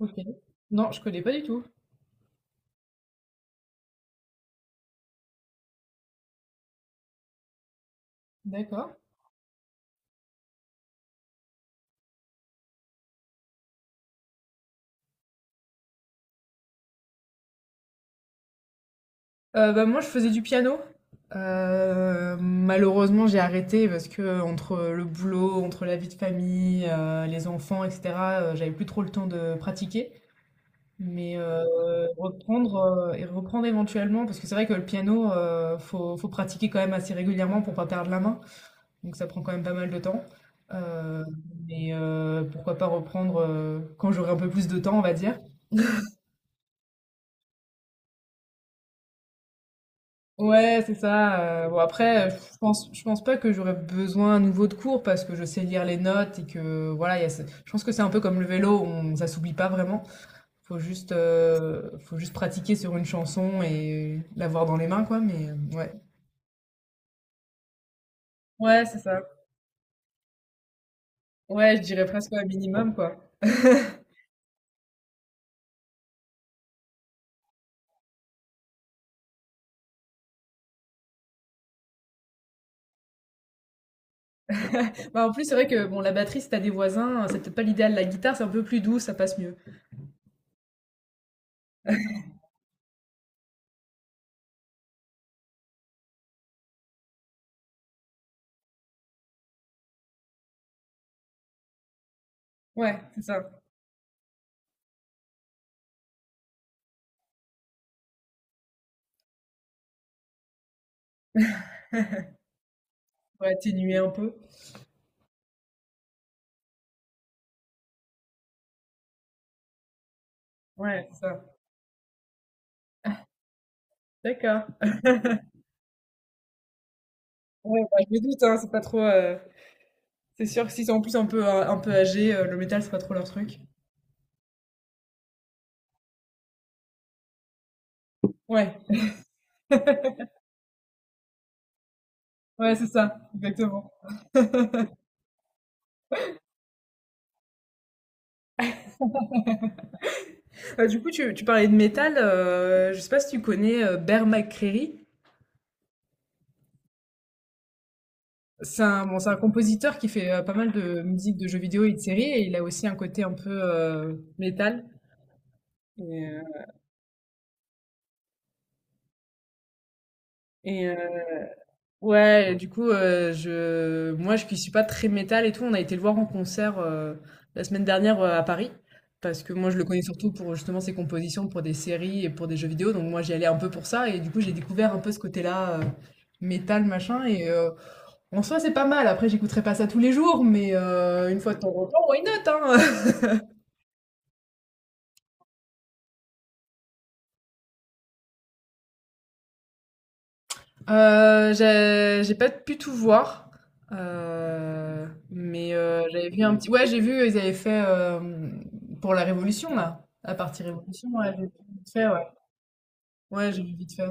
OK. Non, je connais pas du tout. D'accord. Moi, je faisais du piano. Malheureusement, j'ai arrêté parce que entre le boulot, entre la vie de famille, les enfants et cetera, j'avais plus trop le temps de pratiquer. Mais, heu, Reprendre, reprendre éventuellement parce que c'est vrai que le piano, faut pratiquer quand même assez régulièrement pour pas perdre la main. Donc ça prend quand même pas mal de temps. Heu, Pourquoi pas reprendre, quand j'aurai un peu plus de temps, on va dire. Ouais, c'est ça. Bon après, je pense pas que j'aurais besoin à nouveau de cours parce que je sais lire les notes et que voilà, il y a ce je pense que c'est un peu comme le vélo, on ça s'oublie pas vraiment. Faut juste pratiquer sur une chanson et l'avoir dans les mains quoi, mais ouais. Ouais, c'est ça. Ouais, je dirais presque un minimum quoi. Bah, en plus, c'est vrai que bon, la batterie, si tu des voisins, c'est peut-être pas l'idéal. La guitare, c'est un peu plus doux, ça passe mieux. Ouais, c'est ça. Pour atténuer un peu. Ouais, c'est ça. D'accord. Ouais, bah, je me doute, hein, c'est pas trop, c'est sûr que s'ils sont en plus un peu âgés, le métal, c'est pas trop leur truc. Ouais, ouais, c'est ça, exactement. Du coup, tu parlais de métal, je sais pas si tu connais Bear McCreary. C'est un, bon, c'est un compositeur qui fait pas mal de musique de jeux vidéo et de séries, et il a aussi un côté un peu métal. Et, euh, et, euh, Ouais, et du coup, je moi je qui suis pas très métal et tout, on a été le voir en concert, la semaine dernière, à Paris. Parce que moi je le connais surtout pour justement ses compositions pour des séries et pour des jeux vidéo, donc moi j'y allais un peu pour ça et du coup j'ai découvert un peu ce côté-là, métal machin et en soi c'est pas mal. Après j'écouterai pas ça tous les jours, mais une fois de temps en temps, why not, hein? J'ai pas pu tout voir, mais j'avais vu un petit ouais, j'ai vu, ils avaient fait, pour la Révolution, là, la partie Révolution, ouais, j'ai vu vite fait, ouais. Ouais, j'ai vu vite fait.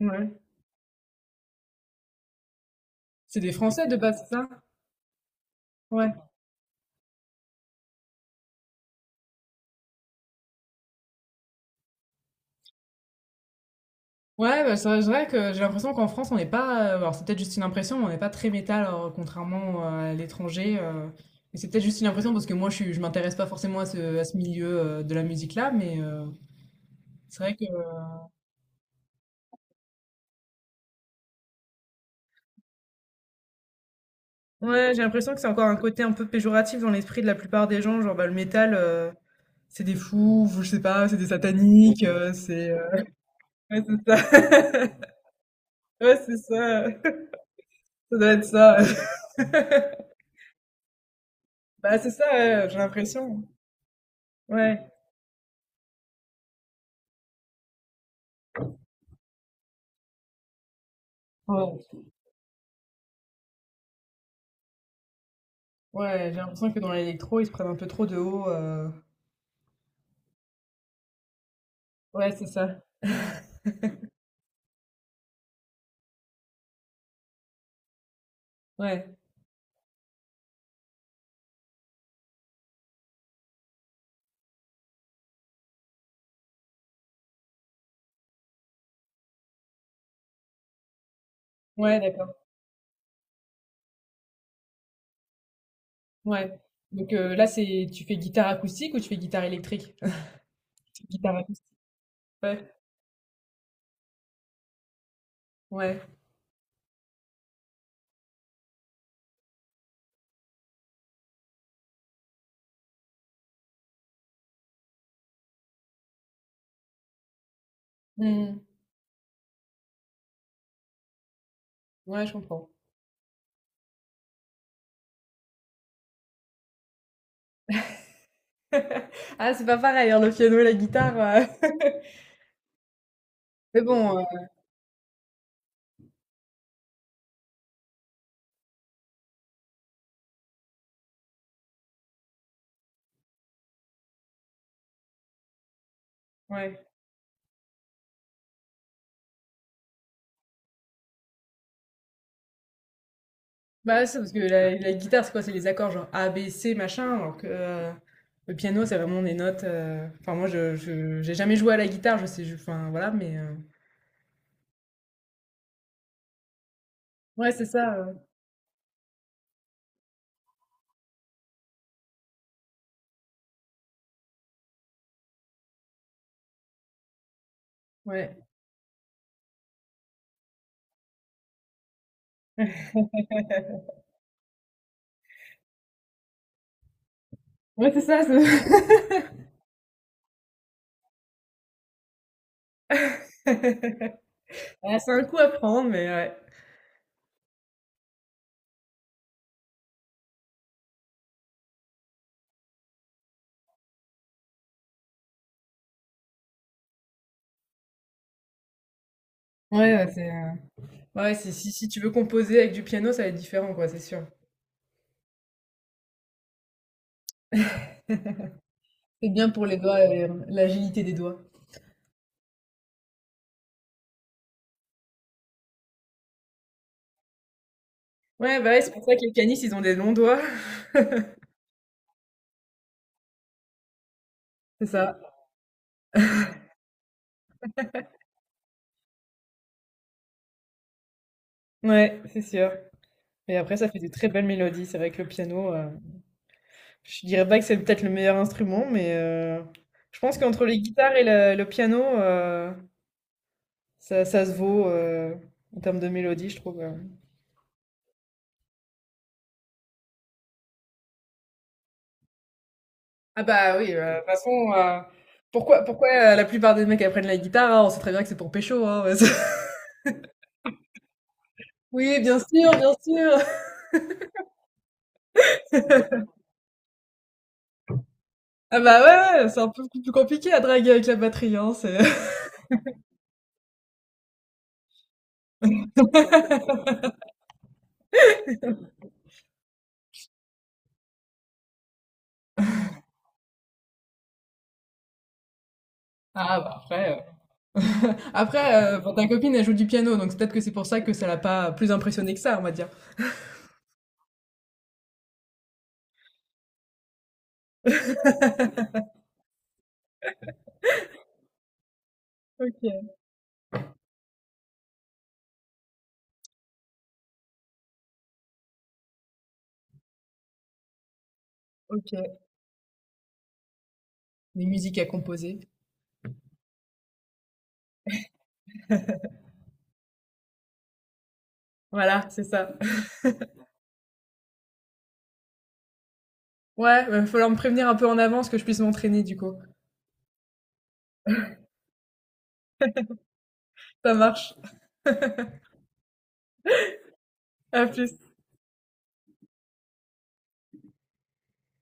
Ouais. C'est des Français, de base, c'est ça? Ouais. Ouais, bah, c'est vrai que j'ai l'impression qu'en France, on n'est pas, alors c'est peut-être juste une impression, mais on n'est pas très métal, contrairement, à l'étranger, mais c'est peut-être juste une impression parce que moi, je m'intéresse pas forcément à ce milieu, de la musique-là, mais c'est vrai que ouais, j'ai l'impression que c'est encore un côté un peu péjoratif dans l'esprit de la plupart des gens, genre bah, le métal, c'est des fous, ou je sais pas, c'est des sataniques, c'est... Ouais, c'est ça, ouais, c'est ça, ça doit être ça. Bah c'est ça, ouais, j'ai l'impression. Ouais. Ouais, ouais, j'ai l'impression que dans l'électro, ils se prennent un peu trop de haut. Ouais, c'est ça. Ouais. Ouais, d'accord. Ouais. Là, c'est tu fais guitare acoustique ou tu fais guitare électrique? Guitare acoustique. Ouais. Ouais. Hmm. Ouais, je comprends. Ah, c'est pas pareil, hein, le piano et la guitare. Mais bon, ouais. Bah, c'est parce que la guitare, c'est quoi? C'est les accords genre A, B, C, machin. Alors que le piano, c'est vraiment des notes. Enfin, moi, j'ai jamais joué à la guitare, enfin, voilà, mais. Ouais, c'est ça. Ouais. Ouais, c'est ça. C'est Ah, c'est un coup à prendre, mais ouais. Ouais, ouais, c'est. euh, Ouais, c'est- si, si tu veux composer avec du piano, ça va être différent, quoi, c'est sûr. C'est bien pour les doigts, l'agilité des doigts. Ouais, bah ouais, c'est pour ça que les canisses, ils ont des longs doigts. C'est ça. Ouais, c'est sûr. Et après, ça fait des très belles mélodies. C'est vrai que le piano, je dirais pas que c'est peut-être le meilleur instrument, mais je pense qu'entre les guitares et le piano, ça, ça se vaut en termes de mélodie, je trouve. Ah bah oui, de toute façon, pourquoi, pourquoi la plupart des mecs apprennent la guitare? Hein, on sait très bien que c'est pour pécho, hein. Oui, bien sûr, bien sûr. Ah bah ouais, ouais, c'est un peu plus compliqué à draguer avec la batterie, hein. Ah bah après. Après, bon, ta copine, elle joue du piano, donc c'est peut-être que c'est pour ça que ça l'a pas plus impressionnée que ça, on va dire. OK, OK. Les musiques à composer. Voilà, c'est ça. Ouais, bah, il va falloir me prévenir un peu en avance que je puisse m'entraîner du coup. Ça marche. À plus.